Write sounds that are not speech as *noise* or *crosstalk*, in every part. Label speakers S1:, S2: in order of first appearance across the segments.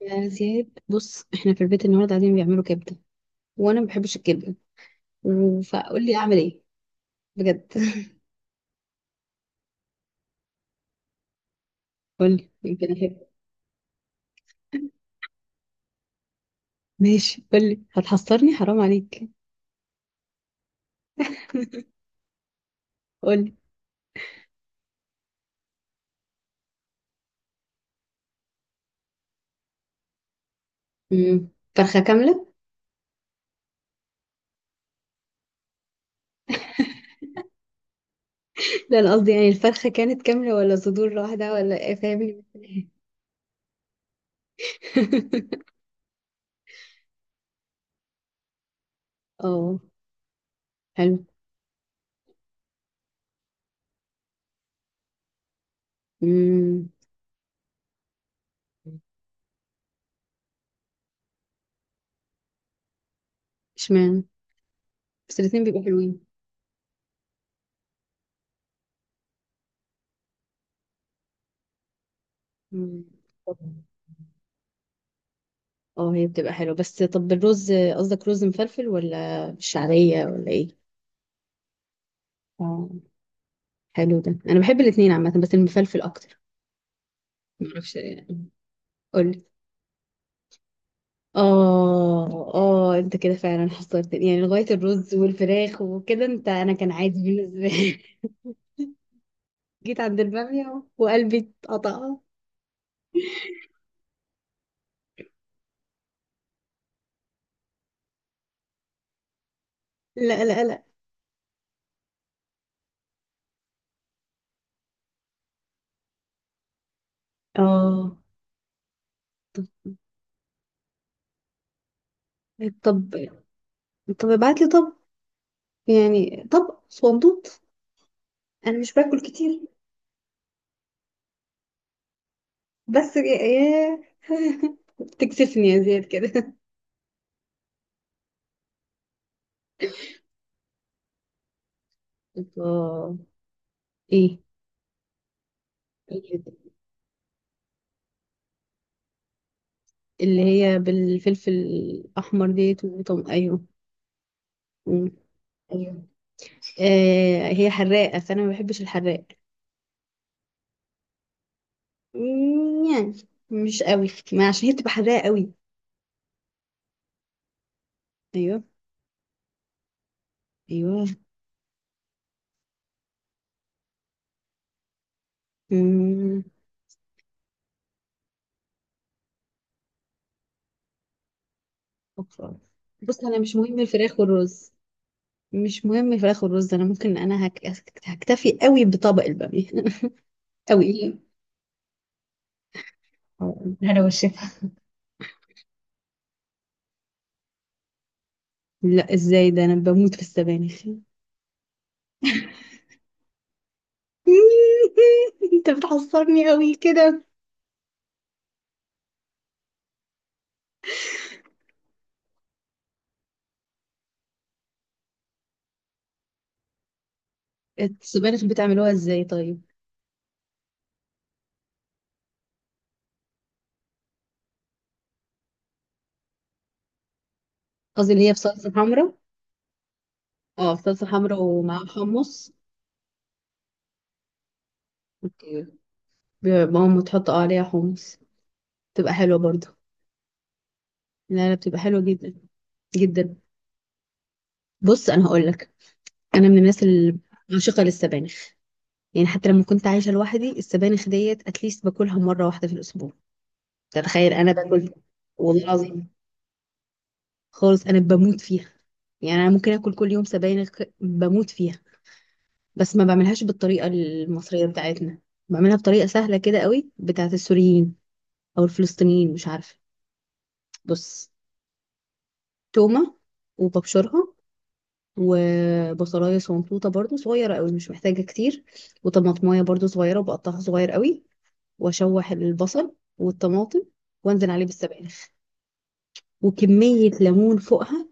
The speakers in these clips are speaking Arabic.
S1: يا زياد، بص احنا في البيت النهارده قاعدين بيعملوا كبده، وانا ما بحبش الكبده، فقول لي اعمل ايه، بجد. *laughs* قول لي يمكن احب. ماشي قول لي، هتحصرني؟ حرام عليك. *laughs* قول لي. امم فرخه كامله. لا، انا قصدي يعني الفرخه كانت كامله ولا صدور واحده ولا ايه، فاهمني؟ *laughs* اه، حلو. امم اشمعنى؟ بس الاتنين بيبقوا حلوين. مم. اه هي بتبقى حلوه، بس طب الرز قصدك رز مفلفل ولا بالشعريه ولا ايه؟ اه حلو، ده انا بحب الاثنين عامه بس المفلفل اكتر. معرفش يعني. قولي. اه، اه، انت كده فعلا حصرتني، يعني لغايه الرز والفراخ وكده انت، انا كان عادي بالنسبه لي. *laughs* جيت عند الباميه وقلبي اتقطع. لا لا لا. اه، طب، طب طب ابعت لي. طب يعني طب صندوق، انا مش باكل كتير. بس يا *laughs* بتكسفني يا زياد كده. *laughs* اه. ايه اللي هي بالفلفل الأحمر ديت وطم؟ أيوه. مم. ايوه. آه هي حراقة، فأنا ما بحبش الحراق. يعني مش قوي، ما عشان هي بتبقى حراقة قوي. أيوه. أيوه. مم. أوكي. بص، أنا مش مهم الفراخ والرز، مش مهم الفراخ والرز. أنا ممكن، هكتفي قوي بطبق البامية. *laughs* قوي. ايه، هلا والشفا. لا، ازاي؟ ده انا بموت في السبانخ. *laughs* انت بتعصبني قوي كده. السبانخ بتعملوها ازاي طيب؟ قصدي اللي هي بصلصه حمراء. اه بصلصه حمراء ومعاها حمص. اوكي. ماما تحط عليها حمص، بتبقى حلوه برضو. لا لا، بتبقى حلوه جدا. جدا. بص انا هقول لك، انا من الناس اللي عاشقه للسبانخ. يعني حتى لما كنت عايشه لوحدي، السبانخ ديت اتليست باكلها مره واحده في الاسبوع، تتخيل؟ انا باكل. والله العظيم، خالص انا بموت فيها. يعني انا ممكن اكل كل يوم سبانخ، بموت فيها. بس ما بعملهاش بالطريقة المصرية بتاعتنا، بعملها بطريقة سهلة كده قوي بتاعة السوريين، أو الفلسطينيين، مش عارفة. بص، تومة وببشرها، وبصلاية صنطوطة برضو صغيرة قوي مش محتاجة كتير، وطماطماية برضو صغيرة وبقطعها صغير قوي. وأشوح البصل والطماطم، وأنزل عليه بالسبانخ، وكمية ليمون فوقها،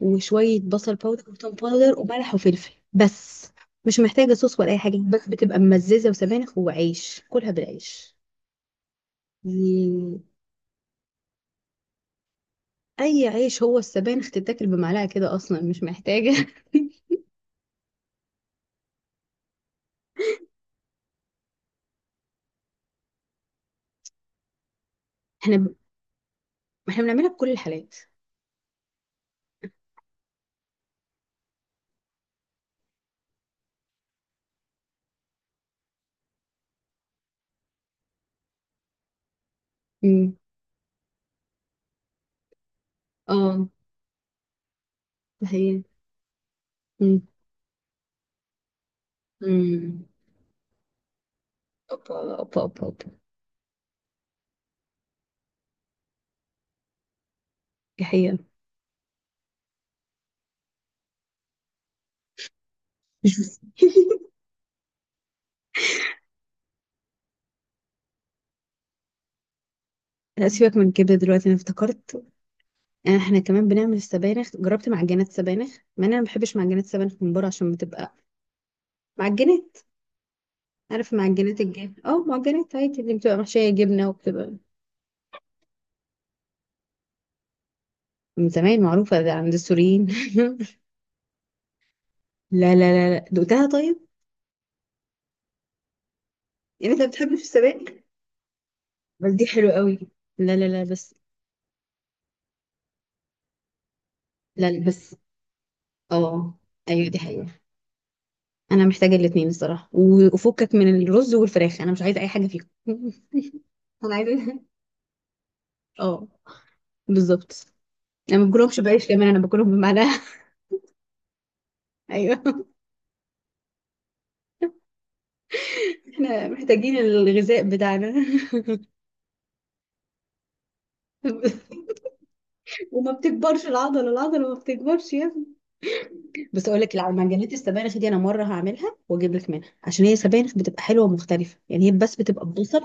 S1: وشوية بصل باودر وتوم باودر وملح وفلفل بس. مش محتاجة صوص ولا أي حاجة، بس بتبقى ممززة وسبانخ وعيش، كلها بالعيش. مم. اي عيش، هو السبانخ تتاكل بمعلقه كده اصلا، مش محتاجه. *laughs* احنا ب... احنا بنعملها بكل الحالات. امم اه، ده هي. امم امم اوبا اوبا اوبا اوبا. دي حقيقة. مش- *laughs* لا سيبك من الكبده دلوقتي، انا افتكرت. احنا كمان بنعمل السبانخ، جربت معجنات سبانخ مع ان انا ما بحبش معجنات سبانخ من بره عشان بتبقى معجنات. عارف معجنات الجبن؟ اه معجنات عادي اللي بتبقى محشيه جبنه وبتبقى. من زمان معروفه ده عند السوريين. *laughs* لا لا لا لا، دقتها طيب؟ يعني انت بتحب في السباق، بس دي حلو قوي. لا لا لا، بس. لا لا، بس اه، ايوه دي حقيقة. انا محتاجة الاتنين الصراحة، و- وفكك من الرز والفراخ، انا مش عايزة اي حاجة فيهم. *laughs* انا عايزة، اه، بالظبط. انا ما باكلهمش بعيش كمان، انا باكلهم بمعناها. *laughs* ايوه. احنا محتاجين الغذاء بتاعنا. *laughs* وما بتكبرش العضله، العضله ما بتكبرش يا ابني. بس اقول لك، العجينات السبانخ دي انا مره هعملها واجيب لك منها، عشان هي سبانخ بتبقى حلوه ومختلفه، يعني هي بس بتبقى ببصل.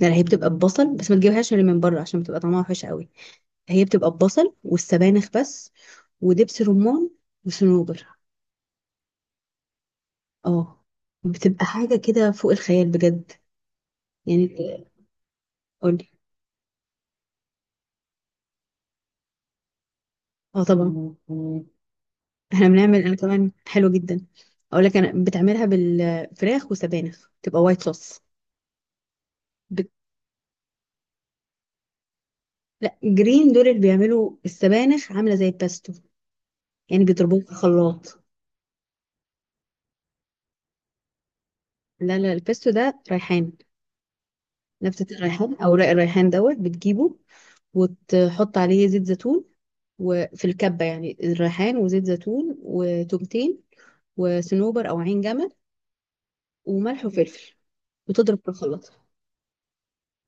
S1: لا لا، هي بتبقى ببصل بس ما تجيبهاش اللي من بره عشان بتبقى طعمها وحش قوي. هي بتبقى ببصل والسبانخ بس. ودبس رمان. وصنوبر. اه، بتبقى حاجة كده فوق الخيال بجد. يعني. قولي. اه طبعا. احنا بنعمل انا كمان حلو جدا. اقول لك، انا بتعملها بالفراخ وسبانخ، تبقى وايت صوص. بت... لا، جرين دول اللي بيعملوا السبانخ عاملة زي الباستو، يعني بيضربوه في الخلاط. لا لا، الباستو ده ريحان. نبتة الريحان او رق الريحان دوت، بتجيبه وتحط عليه زيت زيتون، وفي الكبة يعني الريحان وزيت زيتون وتومتين، وصنوبر أو عين جمل، وملح وفلفل، وتضرب في الخلاط.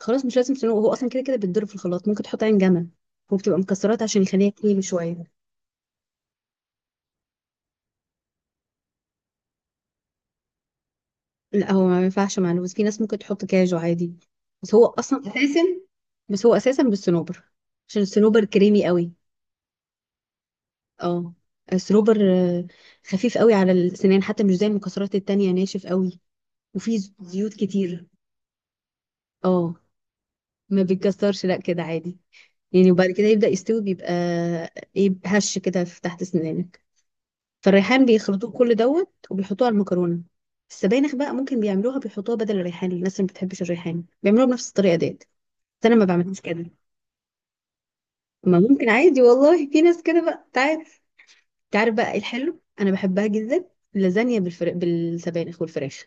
S1: خلاص مش لازم صنوبر، هو أصلا كده كده بيتضرب في الخلاط، ممكن تحط عين جمل، وبتبقى مكسرات عشان يخليها كريمي شوية. لا هو ما ينفعش مع اللوز، في ناس ممكن تحط كاجو عادي. بس هو أصلا أساسا بس هو أساسا بالصنوبر، عشان الصنوبر كريمي قوي. اه. الصنوبر خفيف قوي على السنان، حتى مش زي المكسرات التانية ناشف قوي. وفي زيوت كتير. اه ما بيتكسرش، لا كده عادي، يعني وبعد كده يبدأ يستوي بيبقى ايه، هش كده في تحت سنانك. فالريحان بيخلطوه كل دوت وبيحطوه على المكرونة. السبانخ بقى ممكن بيعملوها، بيحطوها بدل الريحان، الناس اللي ما بتحبش الريحان بيعملوها بنفس الطريقة ديت، بس انا ما بعملهاش كده. ما ممكن عادي والله. *laughs* في ناس كده بقى، تعرف؟ تعرف بقى ايه الحلو؟ انا بحبها جدا. اللازانيا بالسبانخ والفراخ،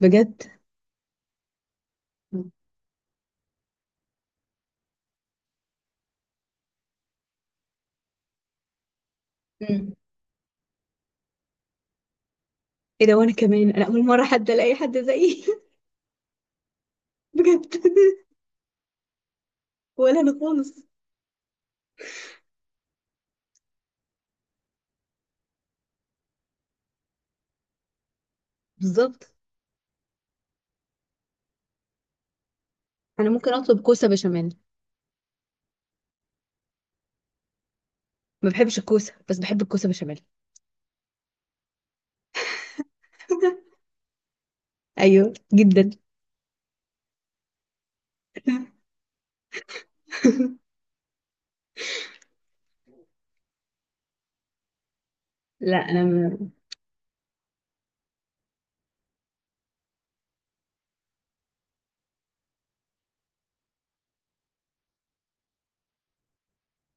S1: بجد. مم. ايه ده، وانا كمان انا اول مرة حد الاقي حد زيي. *laughs* بجد. ولا انا خالص. بالظبط، انا ممكن اطلب كوسه بشاميل. ما بحبش الكوسه، بس بحب الكوسه بشاميل. ايوه جدا. *laughs* لا انا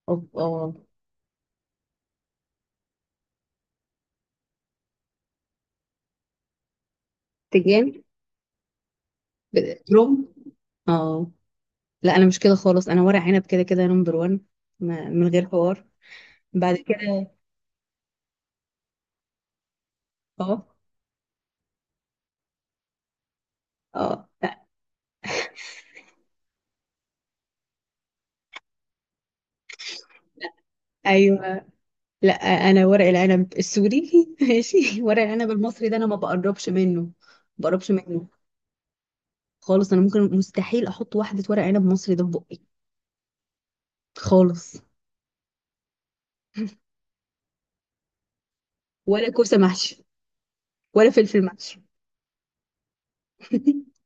S1: اه، اه، تجان. روم. اه. لا انا مش كده خالص، انا ورق عنب كده كده نمبر 1، من غير حوار. بعد كده، اه، اه، لا، ايوه. لا، انا ورق العنب السوري. *laughs* ماشي. ورق العنب المصري ده انا ما بقربش منه، ما بقربش منه خالص. انا ممكن مستحيل احط واحده ورق عنب مصري ده في بقي، خالص. ولا كوسة محشي. ولا فلفل محشي. *laughs*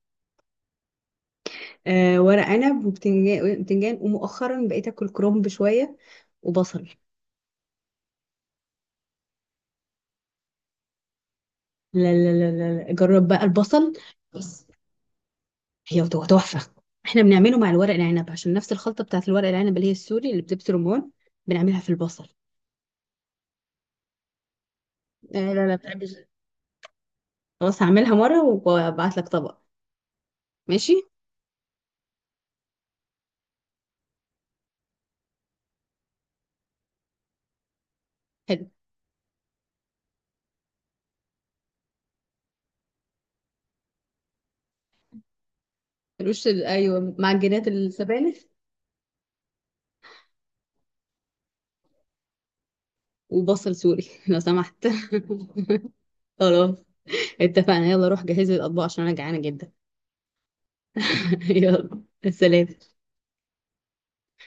S1: آه، ورق عنب وبتنجان. بتنجان، ومؤخرا بقيت اكل كرنب شوية وبصل. لا لا لا لا لا. جرب بقى البصل. بس هي تحفة. احنا بنعمله مع الورق العنب، عشان نفس الخلطة بتاعت الورق العنب اللي هي السوري اللي بتبس رمان، بنعملها في البصل. آه لا لا، بتعمل. خلاص هعملها مرة وابعت لك طبق. ماشي. حلو. ايوه، معجنات السبانخ. وبصل سوري، *laughs* لو سمحت. *laughs* خلاص. اتفقنا. يلا روح جهزي الأطباق عشان أنا جعانة جدا. *laughs* يلا. سلام.